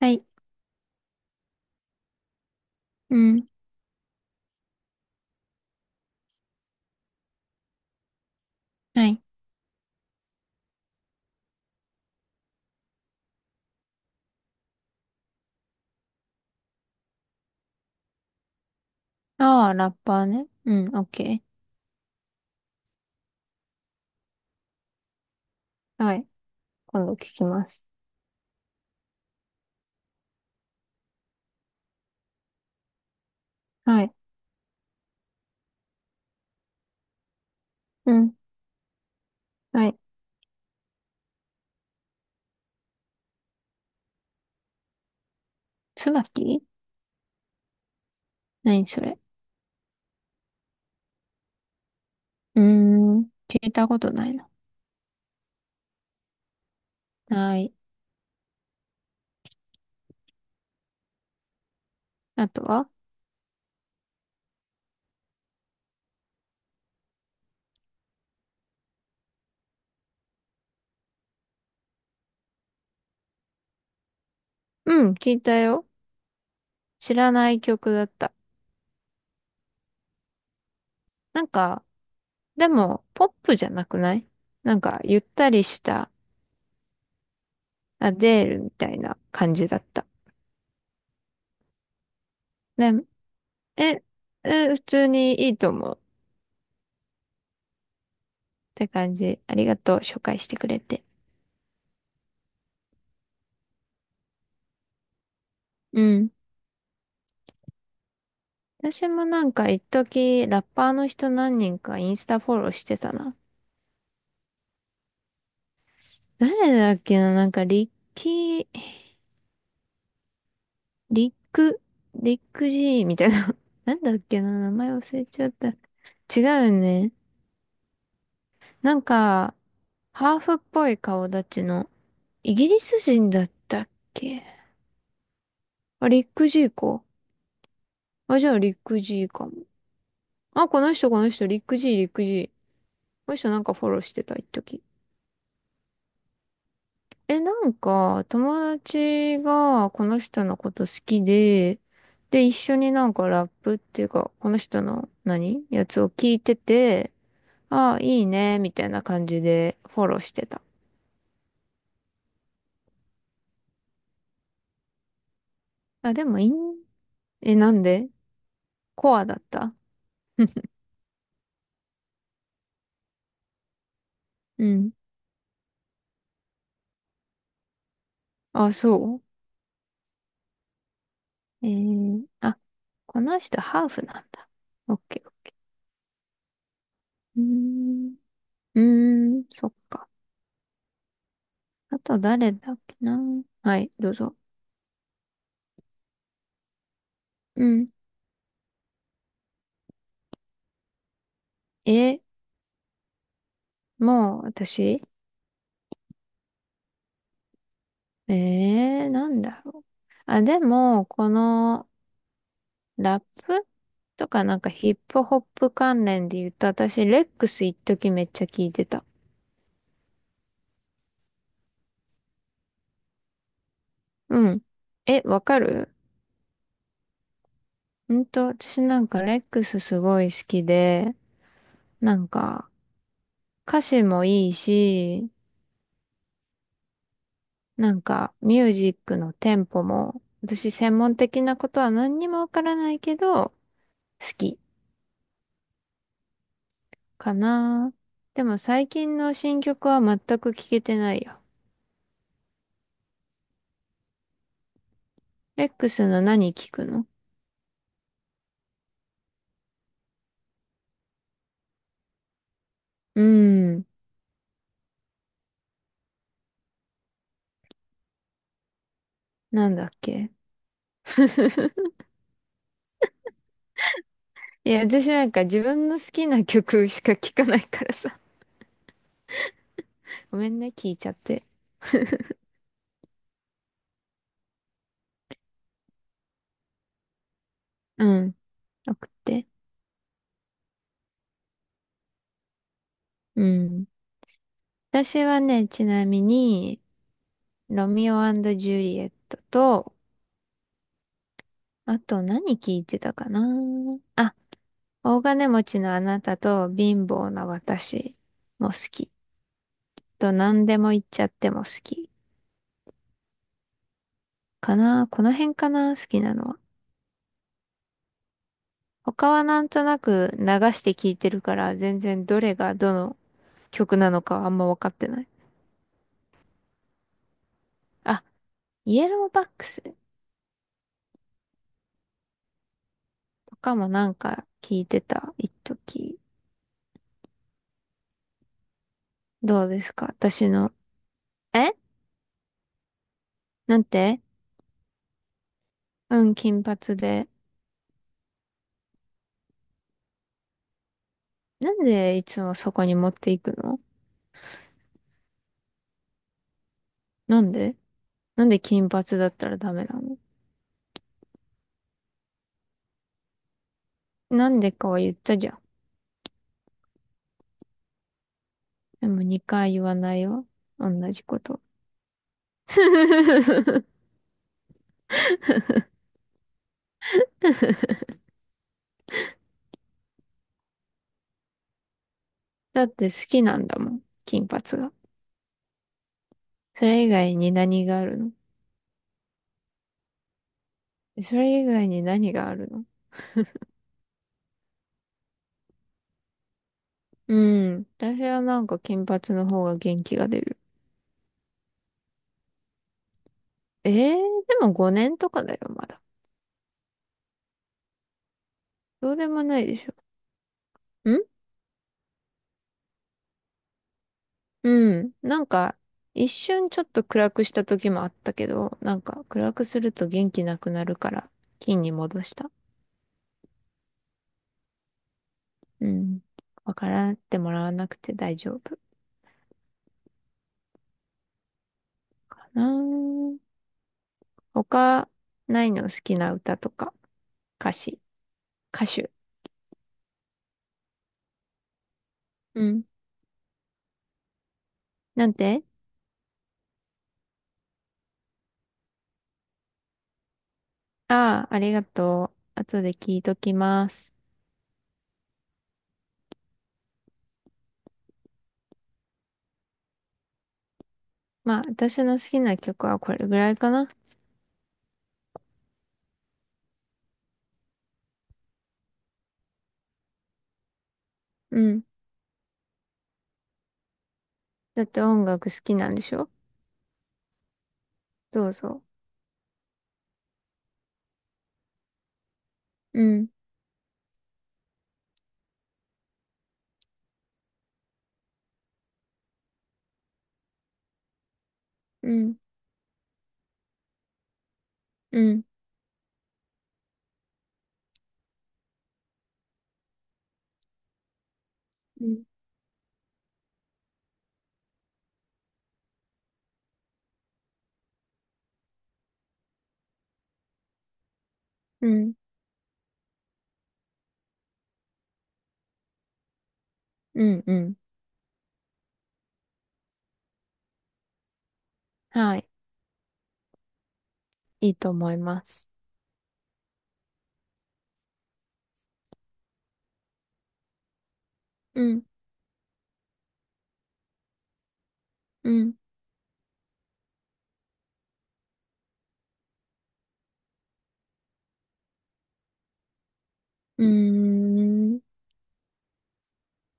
はい。うん。はい。ああ、ラッパーね。うん、オッケー。はい。今度聞きます。はい。うん。はい。椿。何それ。うーん。聞いたことないな。はい。あとは。うん、聞いたよ。知らない曲だった。なんか、でも、ポップじゃなくない？なんか、ゆったりしたアデールみたいな感じだった。で、え、普通にいいと思うって感じ。ありがとう、紹介してくれて。うん。私もなんか一時ラッパーの人何人かインスタフォローしてたな。誰だっけな。なんかリッキー、リック、リック G みたいな。なんだっけな。名前忘れちゃった。違うね。なんか、ハーフっぽい顔立ちの、イギリス人だったっけ？あ、リック G か。あ、じゃあリック G かも。あ、この人この人、リック G、リック G。この人なんかフォローしてた、一時。え、なんか、友達がこの人のこと好きで、で、一緒になんかラップっていうか、この人の何やつを聞いてて、ああ、いいね、みたいな感じでフォローしてた。あ、でもいいん、え、なんで？コアだった？ うん。あ、そう。えー、あ、この人ハーフなんだ。オッケー。うーん、うーん、そっか。あと誰だっけな。はい、どうぞ。うん。え、もう私。ええー、なんだろう。あ、でも、このラップとかなんかヒップホップ関連で言うと、私、レックス一時めっちゃ聞いてた。うん。え、わかる？うんと、私なんかレックスすごい好きで、なんか歌詞もいいし、なんかミュージックのテンポも、私専門的なことは何にもわからないけど、好きかな。でも最近の新曲は全く聞けてないや。レックスの何聞くの？うーん。なんだっけ？ いや、私なんか自分の好きな曲しか聞かないからさ。ごめんね、聞いちゃって。うん。送って。うん。私はね、ちなみに、ロミオジュリエットと、あと何聞いてたかな。あ、大金持ちのあなたと貧乏な私も好き。と、何でも言っちゃっても好きかな。この辺かな好きなのは。他はなんとなく流して聴いてるから、全然どれがどの曲なのかはあんま分かってない。あ、イエローバックスとかもなんか聴いてた、一時。どうですか私の。え？なんて？うん、金髪で。なんでいつもそこに持っていくの？なんで？なんで金髪だったらダメなの？なんでかは言ったじゃん。でも2回言わないよ。同じこと。だって好きなんだもん、金髪が。それ以外に何があるの？それ以外に何があるの？うん。私はなんか金髪の方が元気が出る。えー、でも5年とかだよ、まだ。どうでもないでしょ。ん。うん。なんか、一瞬ちょっと暗くした時もあったけど、なんか暗くすると元気なくなるから、金に戻した。うん。わからってもらわなくて大丈夫かな。他、ないの？好きな歌とか、歌詞、歌手。うん。なんて？ああ、ありがとう。後で聞いときます。まあ、私の好きな曲はこれぐらいかな。うん。だって音楽好きなんでしょ？どうぞ。うん、うん、うん、うん、うん、うん、うん。はい。いいと思います。うん、うん、うーん。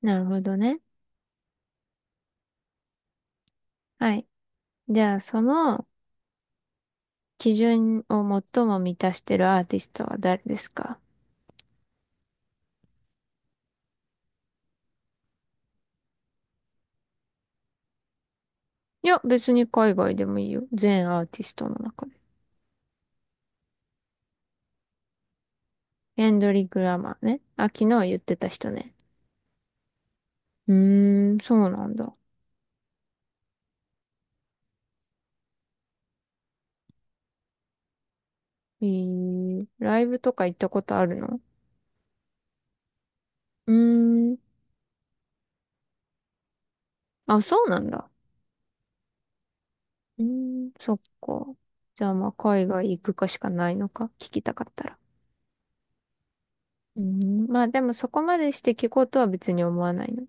なるほどね。はい。じゃあ、その基準を最も満たしてるアーティストは誰ですか？いや、別に海外でもいいよ。全アーティストの中で。エンドリック・ラマーね。あ、昨日言ってた人ね。うーん、そうなんだ。えー、ライブとか行ったことあるの？うーん。あ、そうなんだ。うーん、そっか。じゃあまあ、海外行くかしかないのか。聞きたかったら。うーん、まあでもそこまでして聞こうとは別に思わないの。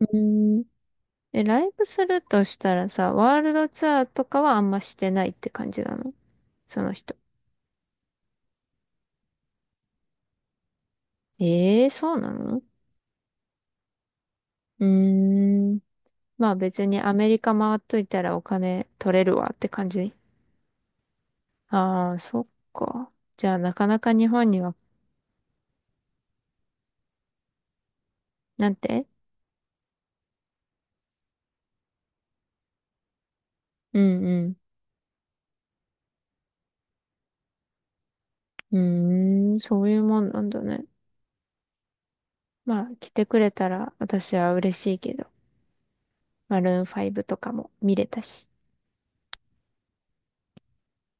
うーん。え、ライブするとしたらさ、ワールドツアーとかはあんましてないって感じなの？その人。ええー、そうなの？うーん。まあ別にアメリカ回っといたらお金取れるわって感じ。ああ、そっか。じゃあなかなか日本には、なんて？うんうん。うーん、そういうもんなんだね。まあ来てくれたら私は嬉しいけど、マルーン5とかも見れたし。